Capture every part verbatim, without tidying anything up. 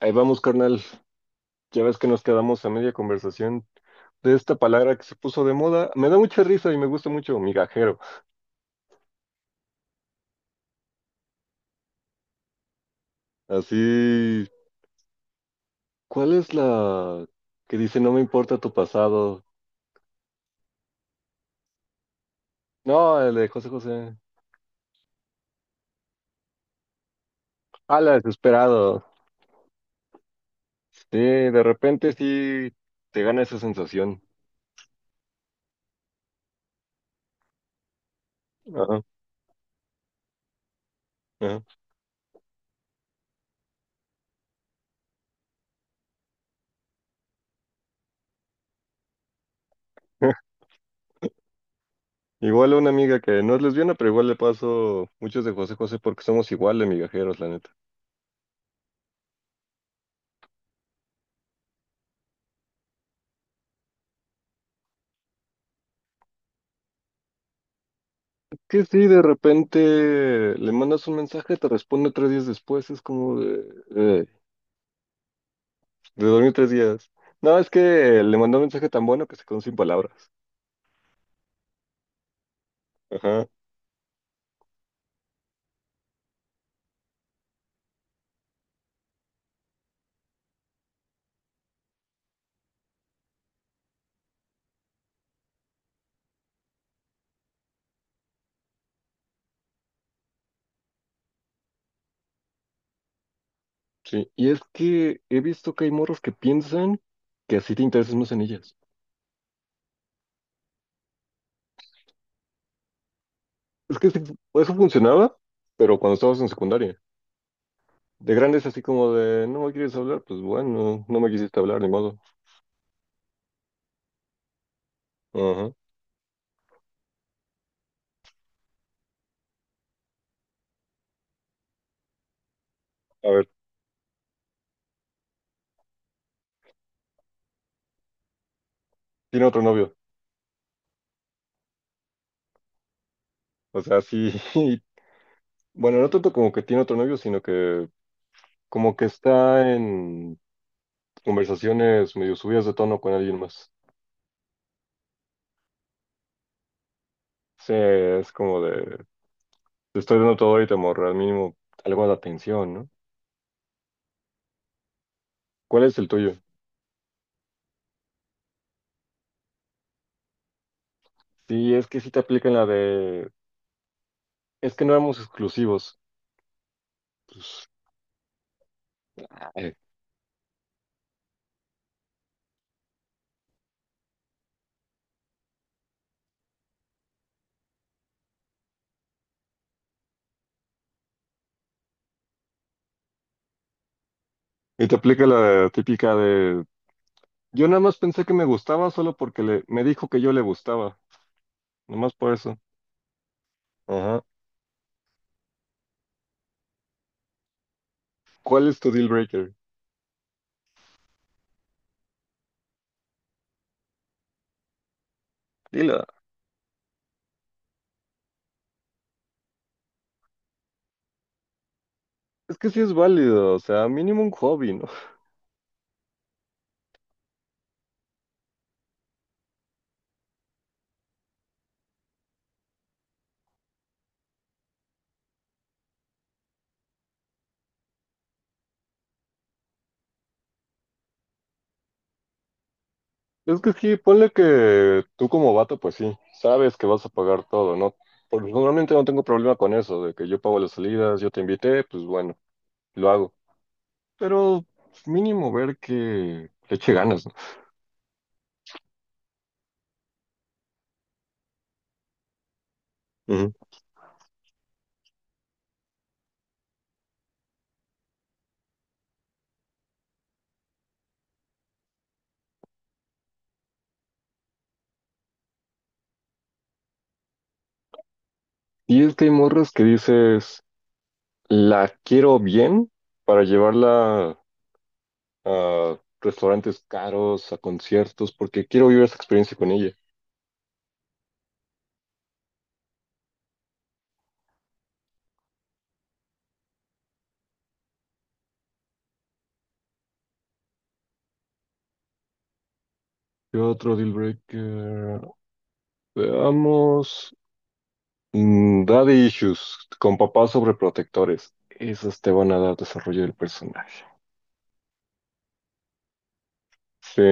Ahí vamos, carnal. Ya ves que nos quedamos a media conversación de esta palabra que se puso de moda. Me da mucha risa y me gusta mucho, migajero. Así, ¿cuál es la que dice no me importa tu pasado? No, el de José José. Ah, la desesperado. Sí, de repente sí te gana esa sensación. Ajá, ajá. Igual a una amiga que no es lesbiana, pero igual le paso muchos de José José porque somos igual de migajeros, la neta. Que si de repente le mandas un mensaje, te responde tres días después, es como de, eh, de dormir tres días. No, es que le mandó un mensaje tan bueno que se quedó sin palabras. Ajá, sí. Y es que he visto que hay morros que piensan que así te interesas más en ellas. Es que sí, eso funcionaba, pero cuando estabas en secundaria. De grandes así como de, no me quieres hablar, pues bueno, no me quisiste hablar, ni modo. Ajá. A ver, tiene otro novio. O sea, sí, bueno, no tanto como que tiene otro novio, sino que como que está en conversaciones medio subidas de tono con alguien más. Sí, es como de, te estoy dando todo y te morro, al mínimo algo de atención, ¿no? ¿Cuál es el tuyo? Sí, es que sí te aplican la de, es que no éramos exclusivos. Pues, ay. Y te aplica la típica de, yo nada más pensé que me gustaba solo porque le, me dijo que yo le gustaba, nomás por eso. Ajá. ¿Cuál es tu deal breaker? Dilo, es que sí es válido, o sea, mínimo un hobby, ¿no? Es que sí, ponle que tú como vato, pues sí, sabes que vas a pagar todo, ¿no? Porque normalmente no tengo problema con eso, de que yo pago las salidas, yo te invité, pues bueno, lo hago. Pero pues, mínimo ver que le eche ganas, ¿no? Ujú. Y es que hay morras que dices, la quiero bien para llevarla a restaurantes caros, a conciertos, porque quiero vivir esa experiencia con ella. ¿Qué otro deal breaker? Veamos. Mm, Daddy Issues, con papás sobreprotectores. Esos te van a dar desarrollo del personaje. Sí.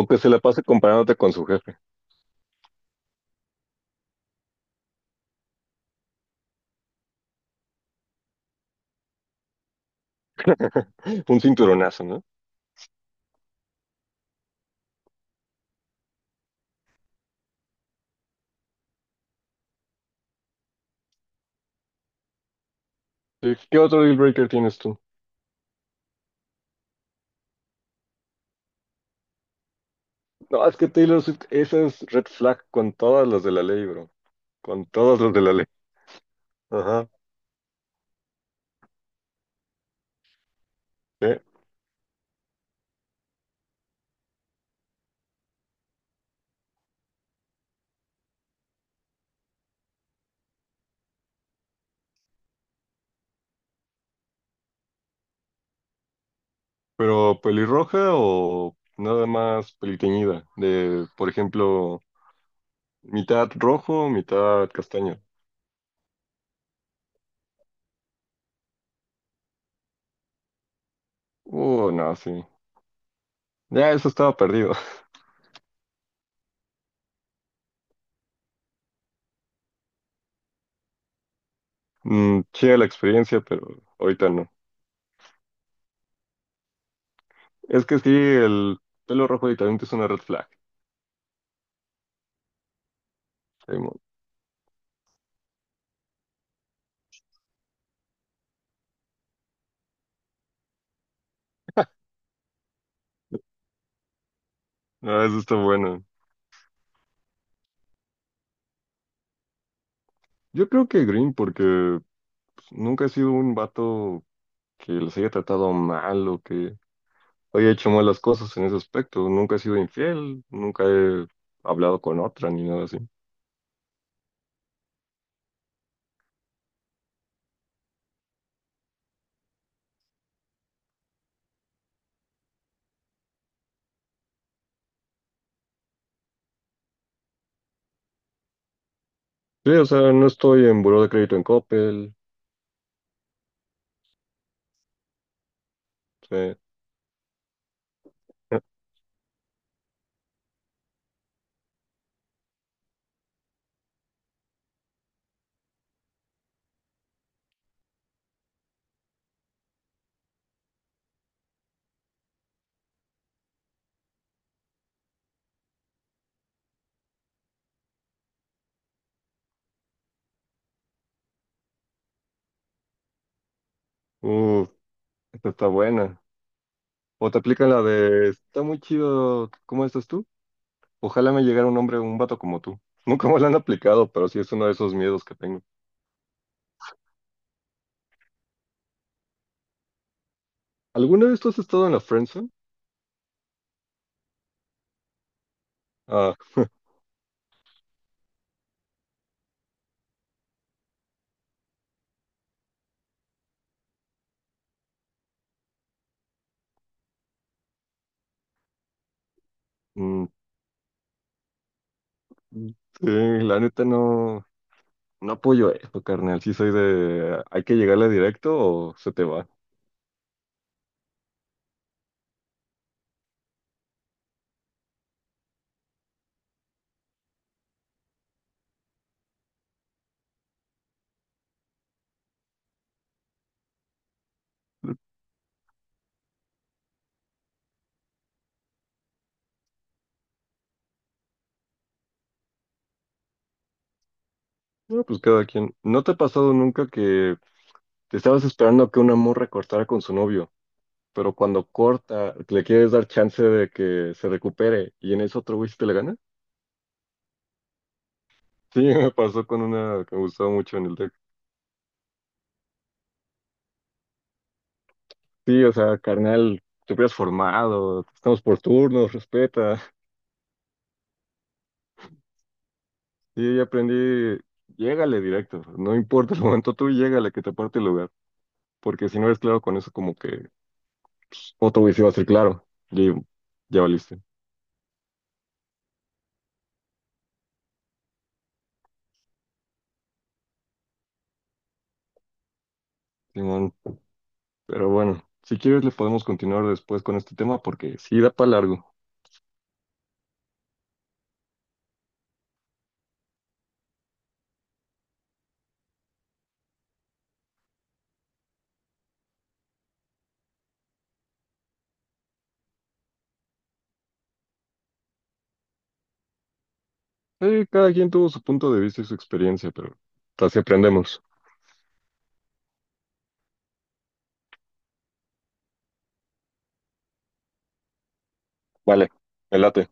O que se la pase comparándote con su jefe. Un cinturonazo, ¿no? Sí, ¿qué otro deal breaker tienes tú? No, es que Taylor Swift, esa es red flag con todas las de la ley, bro. Con todas las de la ley. Ajá. Sí. Pero pelirroja o nada más peliteñida. De, por ejemplo, mitad rojo, mitad castaño. Uh, no, sí. Ya eso estaba perdido. Mm, chida la experiencia, pero ahorita no. Es que sí, el pelo rojo directamente es una red flag. Simón. Ah, eso está bueno. Yo creo que Green, porque pues, nunca he sido un vato que les haya tratado mal o que haya hecho malas cosas en ese aspecto. Nunca he sido infiel, nunca he hablado con otra ni nada así. Sí, o sea, no estoy en buró de crédito en Coppel. Sí. Uf, esta está buena. O te aplican la de, está muy chido, ¿cómo estás tú? Ojalá me llegara un hombre, un vato como tú. Nunca me lo han aplicado, pero sí es uno de esos miedos que tengo. ¿Alguna vez tú has estado en la friendzone? Ah, mm, sí, la neta no, no apoyo eso, carnal. Sí soy de, hay que llegarle directo o se te va. No, pues cada quien. ¿No te ha pasado nunca que te estabas esperando que una morra cortara con su novio, pero cuando corta le quieres dar chance de que se recupere y en eso otro güey se te la gana? Sí, me pasó con una que me gustaba mucho en el. Sí, o sea, carnal, te hubieras formado, estamos por turnos, respeta. Sí, ya aprendí, llégale directo, no importa el momento, tú llégale que te parte el lugar, porque si no eres claro con eso, como que otro güey sí va a ser claro, y ya valiste, Simón. Pero bueno, si quieres le podemos continuar después con este tema, porque sí da para largo. Eh, cada quien tuvo su punto de vista y su experiencia, pero así aprendemos. Vale, me late.